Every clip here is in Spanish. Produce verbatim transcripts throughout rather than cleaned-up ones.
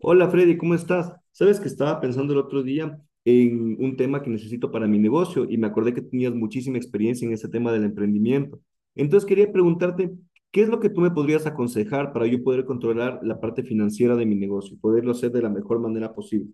Hola Freddy, ¿cómo estás? Sabes que estaba pensando el otro día en un tema que necesito para mi negocio y me acordé que tenías muchísima experiencia en ese tema del emprendimiento. Entonces quería preguntarte, ¿qué es lo que tú me podrías aconsejar para yo poder controlar la parte financiera de mi negocio, poderlo hacer de la mejor manera posible?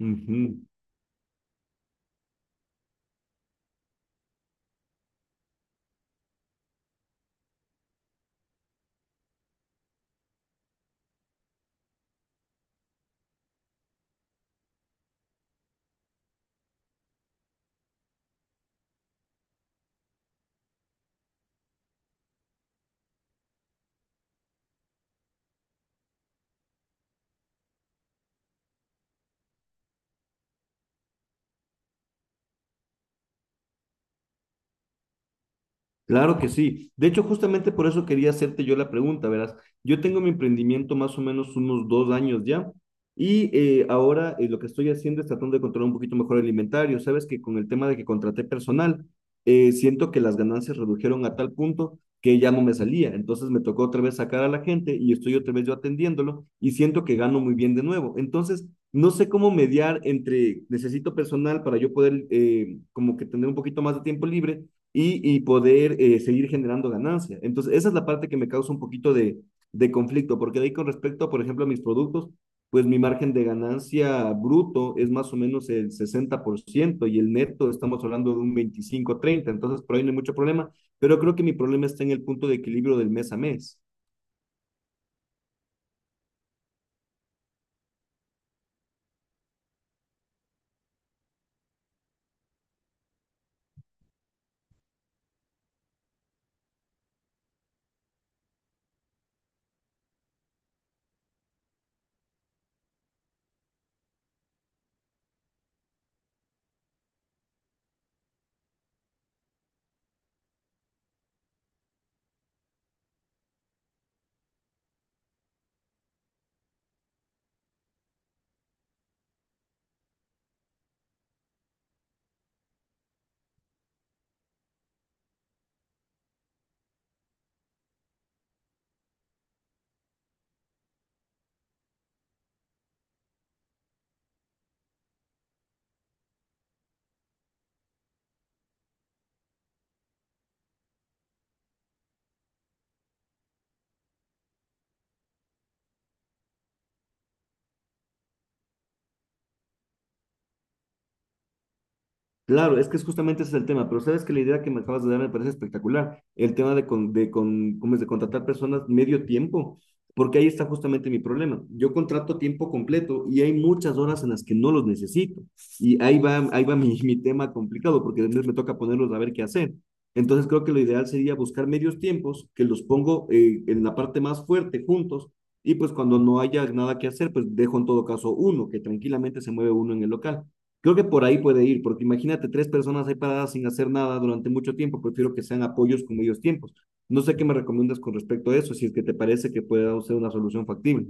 Ujú. Claro que sí. De hecho, justamente por eso quería hacerte yo la pregunta, verás. Yo tengo mi emprendimiento más o menos unos dos años ya y eh, ahora, eh, lo que estoy haciendo es tratando de controlar un poquito mejor el inventario. Sabes que con el tema de que contraté personal, eh, siento que las ganancias redujeron a tal punto que ya no me salía. Entonces me tocó otra vez sacar a la gente y estoy otra vez yo atendiéndolo y siento que gano muy bien de nuevo. Entonces, no sé cómo mediar entre necesito personal para yo poder, eh, como que tener un poquito más de tiempo libre y, y poder, eh, seguir generando ganancia. Entonces, esa es la parte que me causa un poquito de, de conflicto, porque de ahí con respecto, por ejemplo, a mis productos, pues mi margen de ganancia bruto es más o menos el sesenta por ciento y el neto estamos hablando de un veinticinco treinta, entonces por ahí no hay mucho problema, pero creo que mi problema está en el punto de equilibrio del mes a mes. Claro, es que es justamente ese es el tema, pero sabes que la idea que me acabas de dar me parece espectacular, el tema de, con, de, con, ¿cómo es? De contratar personas medio tiempo, porque ahí está justamente mi problema. Yo contrato tiempo completo y hay muchas horas en las que no los necesito. Y ahí va, ahí va mi, mi tema complicado, porque después me toca ponerlos a ver qué hacer. Entonces creo que lo ideal sería buscar medios tiempos, que los pongo, eh, en la parte más fuerte juntos, y pues cuando no haya nada que hacer, pues dejo en todo caso uno, que tranquilamente se mueve uno en el local. Creo que por ahí puede ir, porque imagínate tres personas ahí paradas sin hacer nada durante mucho tiempo, prefiero que sean apoyos con medios tiempos. No sé qué me recomiendas con respecto a eso, si es que te parece que pueda ser una solución factible.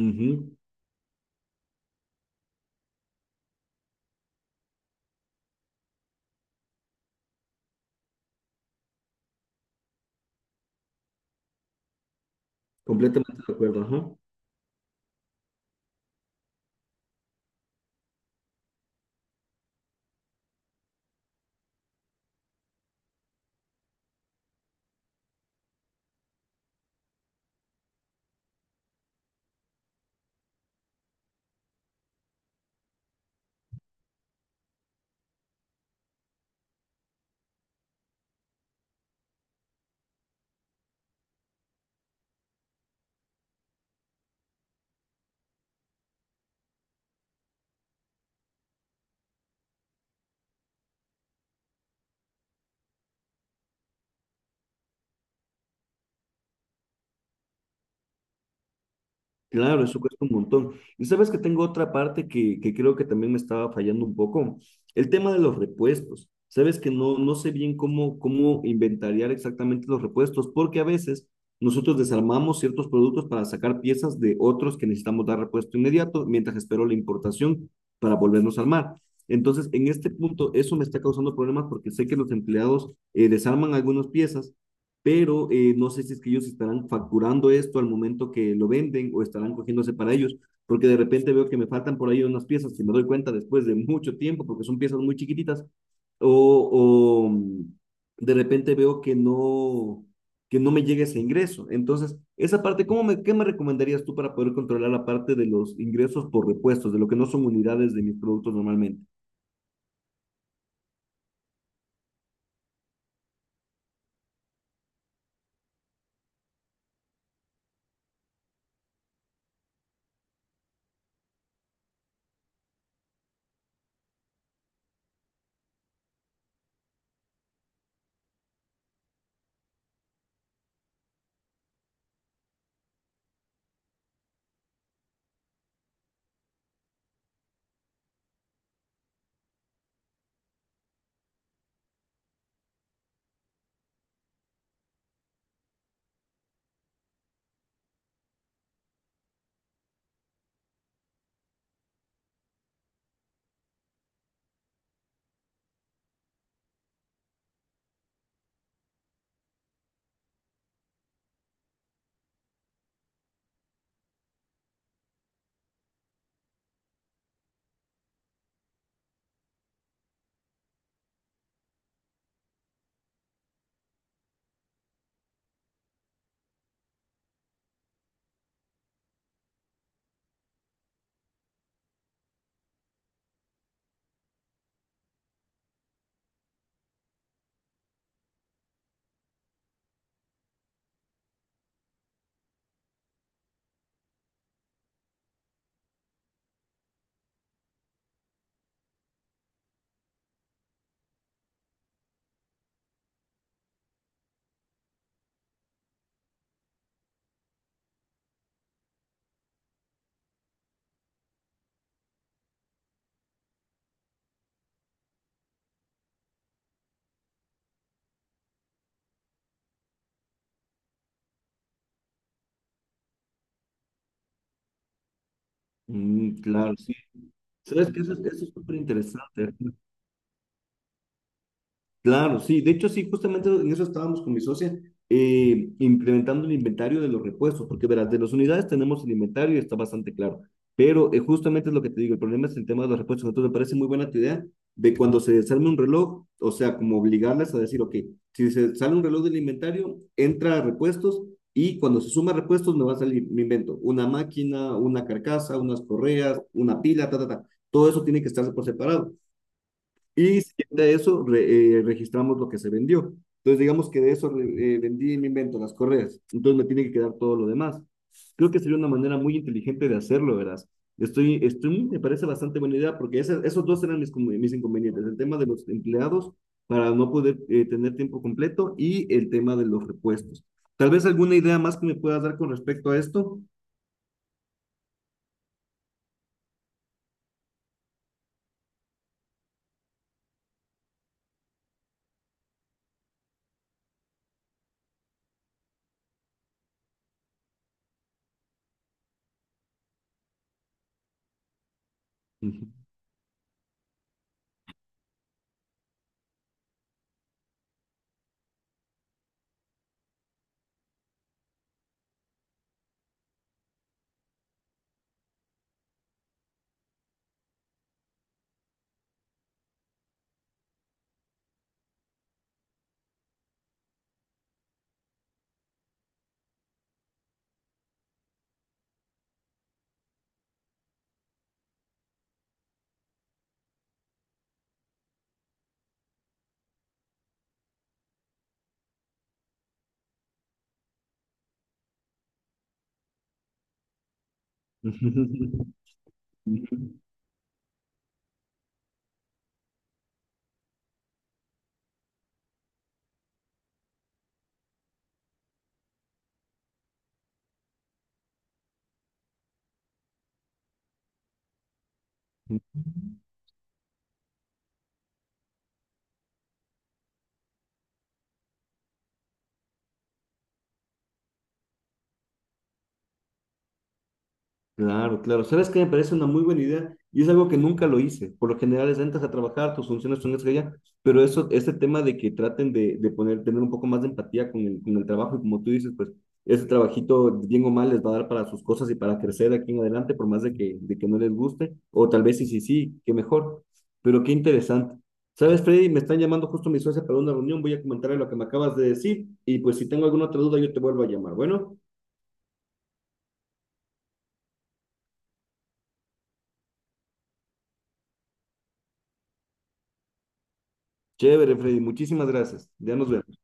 Ujú. Completamente de acuerdo, ajá. Claro, eso cuesta un montón. Y sabes que tengo otra parte que, que creo que también me estaba fallando un poco, el tema de los repuestos. Sabes que no, no sé bien cómo, cómo inventariar exactamente los repuestos, porque a veces nosotros desarmamos ciertos productos para sacar piezas de otros que necesitamos dar repuesto inmediato, mientras espero la importación para volvernos a armar. Entonces, en este punto, eso me está causando problemas porque sé que los empleados, eh, desarman algunas piezas, pero, eh, no sé si es que ellos estarán facturando esto al momento que lo venden o estarán cogiéndose para ellos, porque de repente veo que me faltan por ahí unas piezas que me doy cuenta después de mucho tiempo, porque son piezas muy chiquititas, o, o mm, de repente veo que no que no me llegue ese ingreso. Entonces, esa parte, ¿cómo me, ¿qué me recomendarías tú para poder controlar la parte de los ingresos por repuestos, de lo que no son unidades de mis productos normalmente? Mm, claro, sí. ¿Sabes qué? Eso, es- eso es súper interesante. Claro, sí. De hecho, sí, justamente en eso estábamos con mi socia, eh, implementando el inventario de los repuestos, porque verás, de las unidades tenemos el inventario y está bastante claro. Pero, eh, justamente es lo que te digo, el problema es el tema de los repuestos. Entonces, me parece muy buena tu idea de cuando se desarme un reloj, o sea, como obligarlas a decir, ok, si se sale un reloj del inventario, entra a repuestos y cuando se suma repuestos me va a salir, me invento, una máquina, una carcasa, unas correas, una pila, ta, ta, ta. Todo eso tiene que estarse por separado. Y si de eso, re- eh, registramos lo que se vendió. Entonces, digamos que de eso, re- eh, vendí, me invento, las correas. Entonces, me tiene que quedar todo lo demás. Creo que sería una manera muy inteligente de hacerlo, verás. Estoy, estoy, me parece bastante buena idea porque esa- esos dos eran mis, conve- mis inconvenientes. El tema de los empleados para no poder, eh, tener tiempo completo y el tema de los repuestos. Tal vez alguna idea más que me puedas dar con respecto a esto. Ujú. Claro, claro. ¿Sabes qué? Me parece una muy buena idea y es algo que nunca lo hice. Por lo general es entras a trabajar, tus funciones son esas ya. Pero eso, este tema de que traten de, de poner, tener un poco más de empatía con el, con el trabajo y como tú dices, pues ese trabajito, bien o mal, les va a dar para sus cosas y para crecer aquí en adelante, por más de que, de que no les guste, o tal vez sí, sí, sí, qué mejor. Pero qué interesante. ¿Sabes, Freddy? Me están llamando justo mi socia para una reunión, voy a comentarle lo que me acabas de decir y pues si tengo alguna otra duda yo te vuelvo a llamar. Bueno, chévere, Freddy, muchísimas gracias. Ya nos vemos.